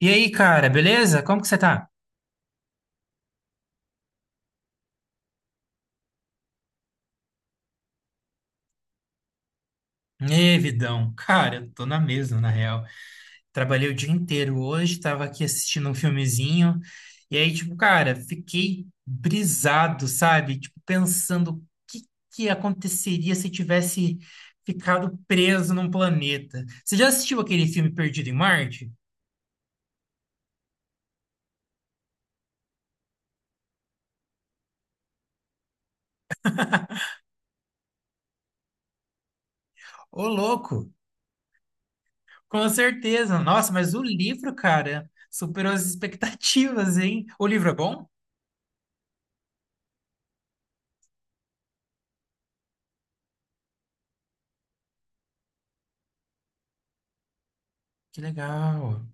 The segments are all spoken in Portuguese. E aí, cara, beleza? Como que você tá? Ê, vidão. Cara, eu tô na mesma, na real. Trabalhei o dia inteiro hoje, tava aqui assistindo um filmezinho. E aí, tipo, cara, fiquei brisado, sabe? Tipo, pensando o que que aconteceria se eu tivesse ficado preso num planeta. Você já assistiu aquele filme Perdido em Marte? Ô, louco! Com certeza. Nossa, mas o livro, cara, superou as expectativas, hein? O livro é bom? Que legal.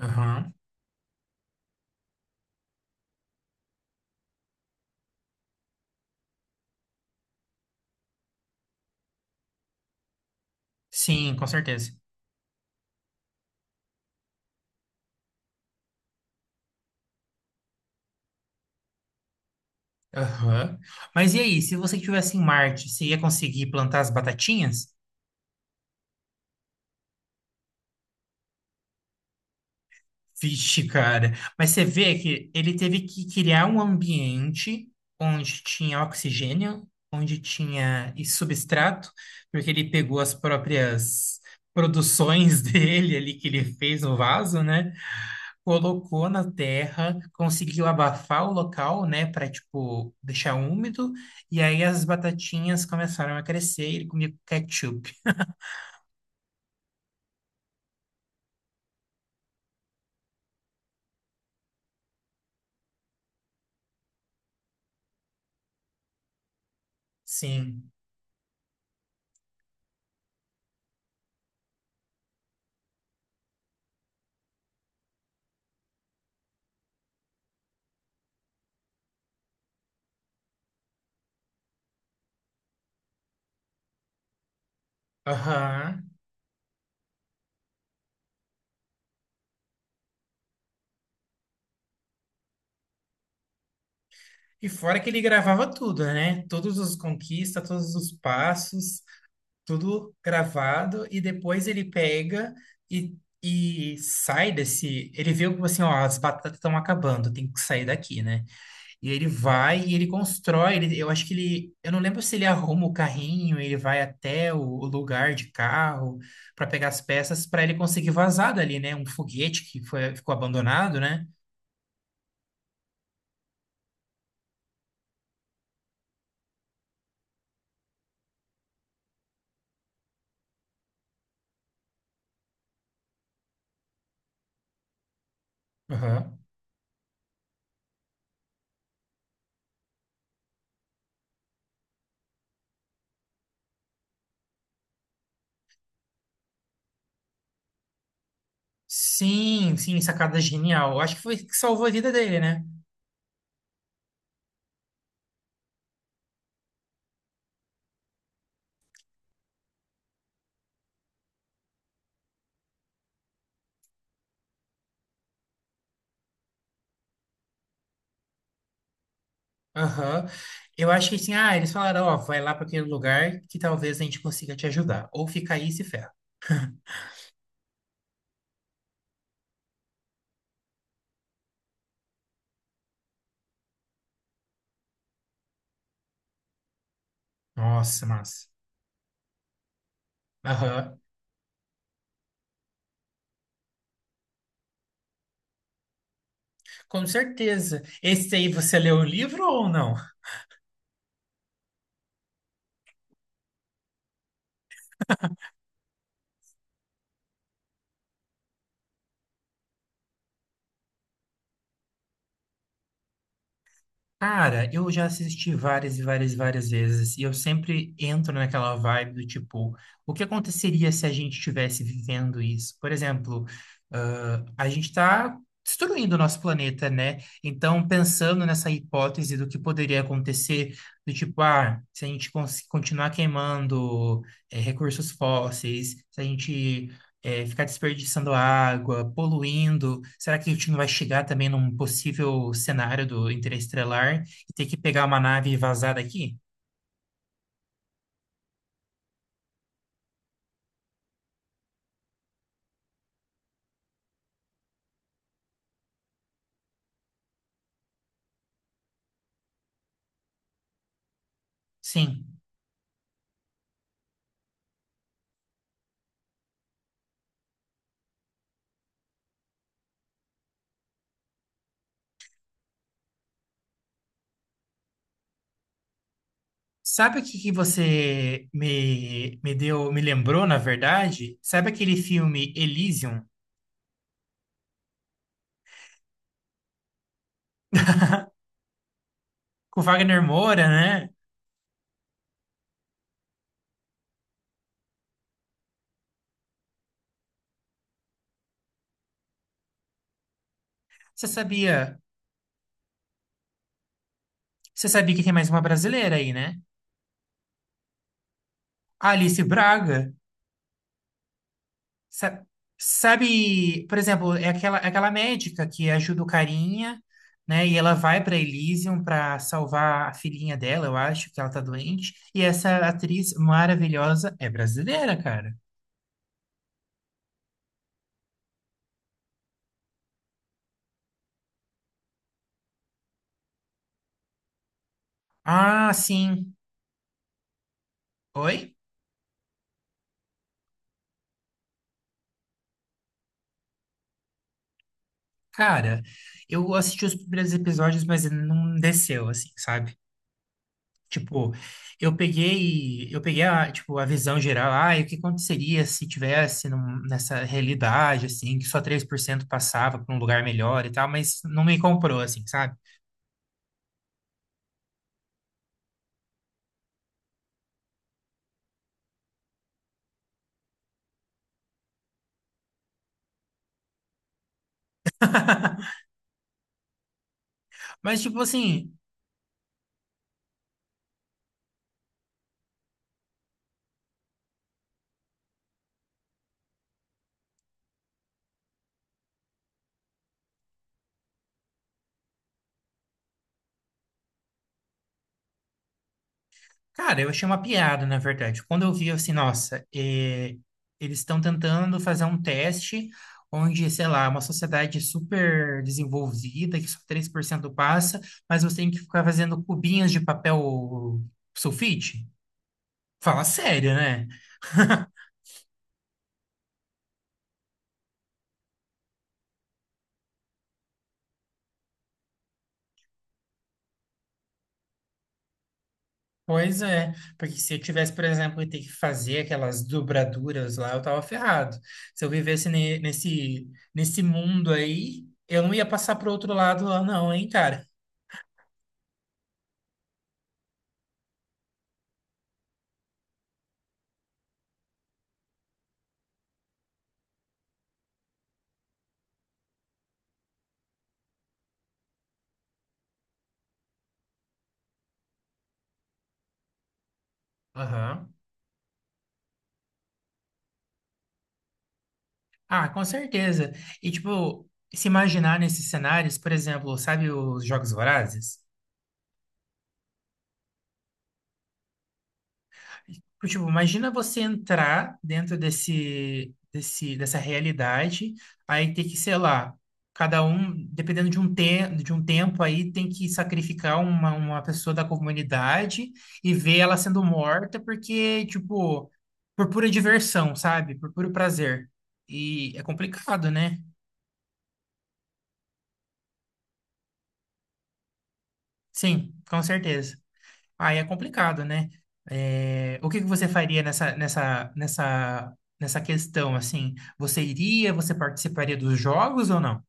Aham. Sim, com certeza. Aham. Mas e aí, se você estivesse em Marte, você ia conseguir plantar as batatinhas? Vixe, cara. Mas você vê que ele teve que criar um ambiente onde tinha oxigênio, onde tinha e substrato, porque ele pegou as próprias produções dele ali que ele fez no vaso, né? Colocou na terra, conseguiu abafar o local, né, para tipo deixar úmido, e aí as batatinhas começaram a crescer e ele comia com ketchup. Sim. Aham. E fora que ele gravava tudo, né? Todos os conquistas, todos os passos, tudo gravado, e depois ele pega e E sai desse. Ele viu que assim, ó, as batatas estão acabando, tem que sair daqui, né? E ele vai e ele constrói. Eu acho que ele. Eu não lembro se ele arruma o carrinho, ele vai até o lugar de carro para pegar as peças para ele conseguir vazar dali, né? Um foguete que foi, ficou abandonado, né? Aham. Sim, sacada genial. Eu acho que foi isso que salvou a vida dele, né? Aham. Eu acho que assim, ah, eles falaram, ó, vai lá para aquele lugar que talvez a gente consiga te ajudar. Ou fica aí e se ferra. Nossa, massa. Aham. Com certeza. Esse aí você leu o livro ou não? Cara, eu já assisti várias e várias e várias vezes, e eu sempre entro naquela vibe do tipo, o que aconteceria se a gente estivesse vivendo isso? Por exemplo, ah, a gente está destruindo o nosso planeta, né? Então, pensando nessa hipótese do que poderia acontecer, do tipo, ah, se a gente continuar queimando, recursos fósseis, se a gente é, ficar desperdiçando água, poluindo? Será que a gente não vai chegar também num possível cenário do interestelar e ter que pegar uma nave e vazar daqui? Sim. Sabe o que que você me deu, me lembrou, na verdade? Sabe aquele filme Elysium, com o Wagner Moura, né? Você sabia, você sabia que tem mais uma brasileira aí, né? A Alice Braga. Sa- Sabe, por exemplo, é aquela médica que ajuda o carinha, né? E ela vai para Elysium para salvar a filhinha dela, eu acho que ela tá doente. E essa atriz maravilhosa é brasileira, cara. Ah, sim. Oi? Cara, eu assisti os primeiros episódios, mas não desceu, assim, sabe? Tipo, eu peguei a, tipo, a visão geral, ah, e o que aconteceria se tivesse nessa realidade, assim, que só 3% passava para um lugar melhor e tal, mas não me comprou, assim, sabe? Mas, tipo assim, cara, eu achei uma piada, na verdade. Quando eu vi, eu assim, nossa, eles estão tentando fazer um teste onde, sei lá, uma sociedade super desenvolvida, que só 3% passa, mas você tem que ficar fazendo cubinhos de papel sulfite. Fala sério, né? Pois é, porque se eu tivesse, por exemplo, ter que fazer aquelas dobraduras lá, eu tava ferrado. Se eu vivesse nesse, nesse mundo aí, eu não ia passar pro outro lado lá, não, hein, cara? Aham. Ah, com certeza. E, tipo, se imaginar nesses cenários, por exemplo, sabe os Jogos Vorazes? Tipo, imagina você entrar dentro desse, dessa realidade, aí tem que, sei lá, cada um, dependendo de um, te de um tempo, aí tem que sacrificar uma pessoa da comunidade e ver ela sendo morta, porque, tipo, por pura diversão, sabe? Por puro prazer. E é complicado, né? Sim, com certeza. Aí é complicado, né? É, o que que você faria nessa questão, assim? Você iria, você participaria dos jogos ou não?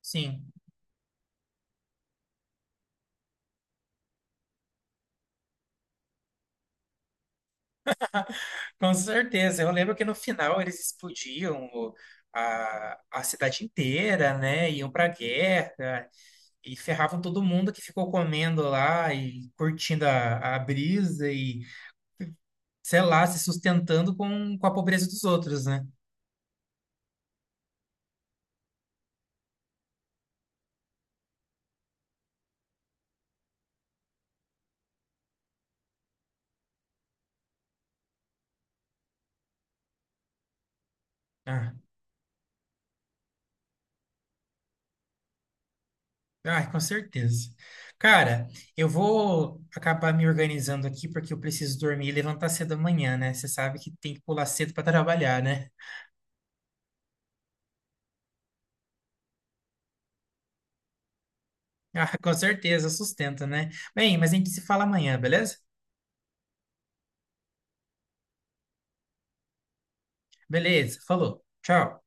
Sim, com certeza. Eu lembro que no final eles explodiam a cidade inteira, né? Iam pra guerra e ferravam todo mundo que ficou comendo lá e curtindo a brisa e, sei lá, se sustentando com a pobreza dos outros, né? Ah. Ah, com certeza. Cara, eu vou acabar me organizando aqui porque eu preciso dormir e levantar cedo amanhã, né? Você sabe que tem que pular cedo para trabalhar, né? Ah, com certeza, sustenta, né? Bem, mas a gente se fala amanhã, beleza? Beleza, falou. Tchau.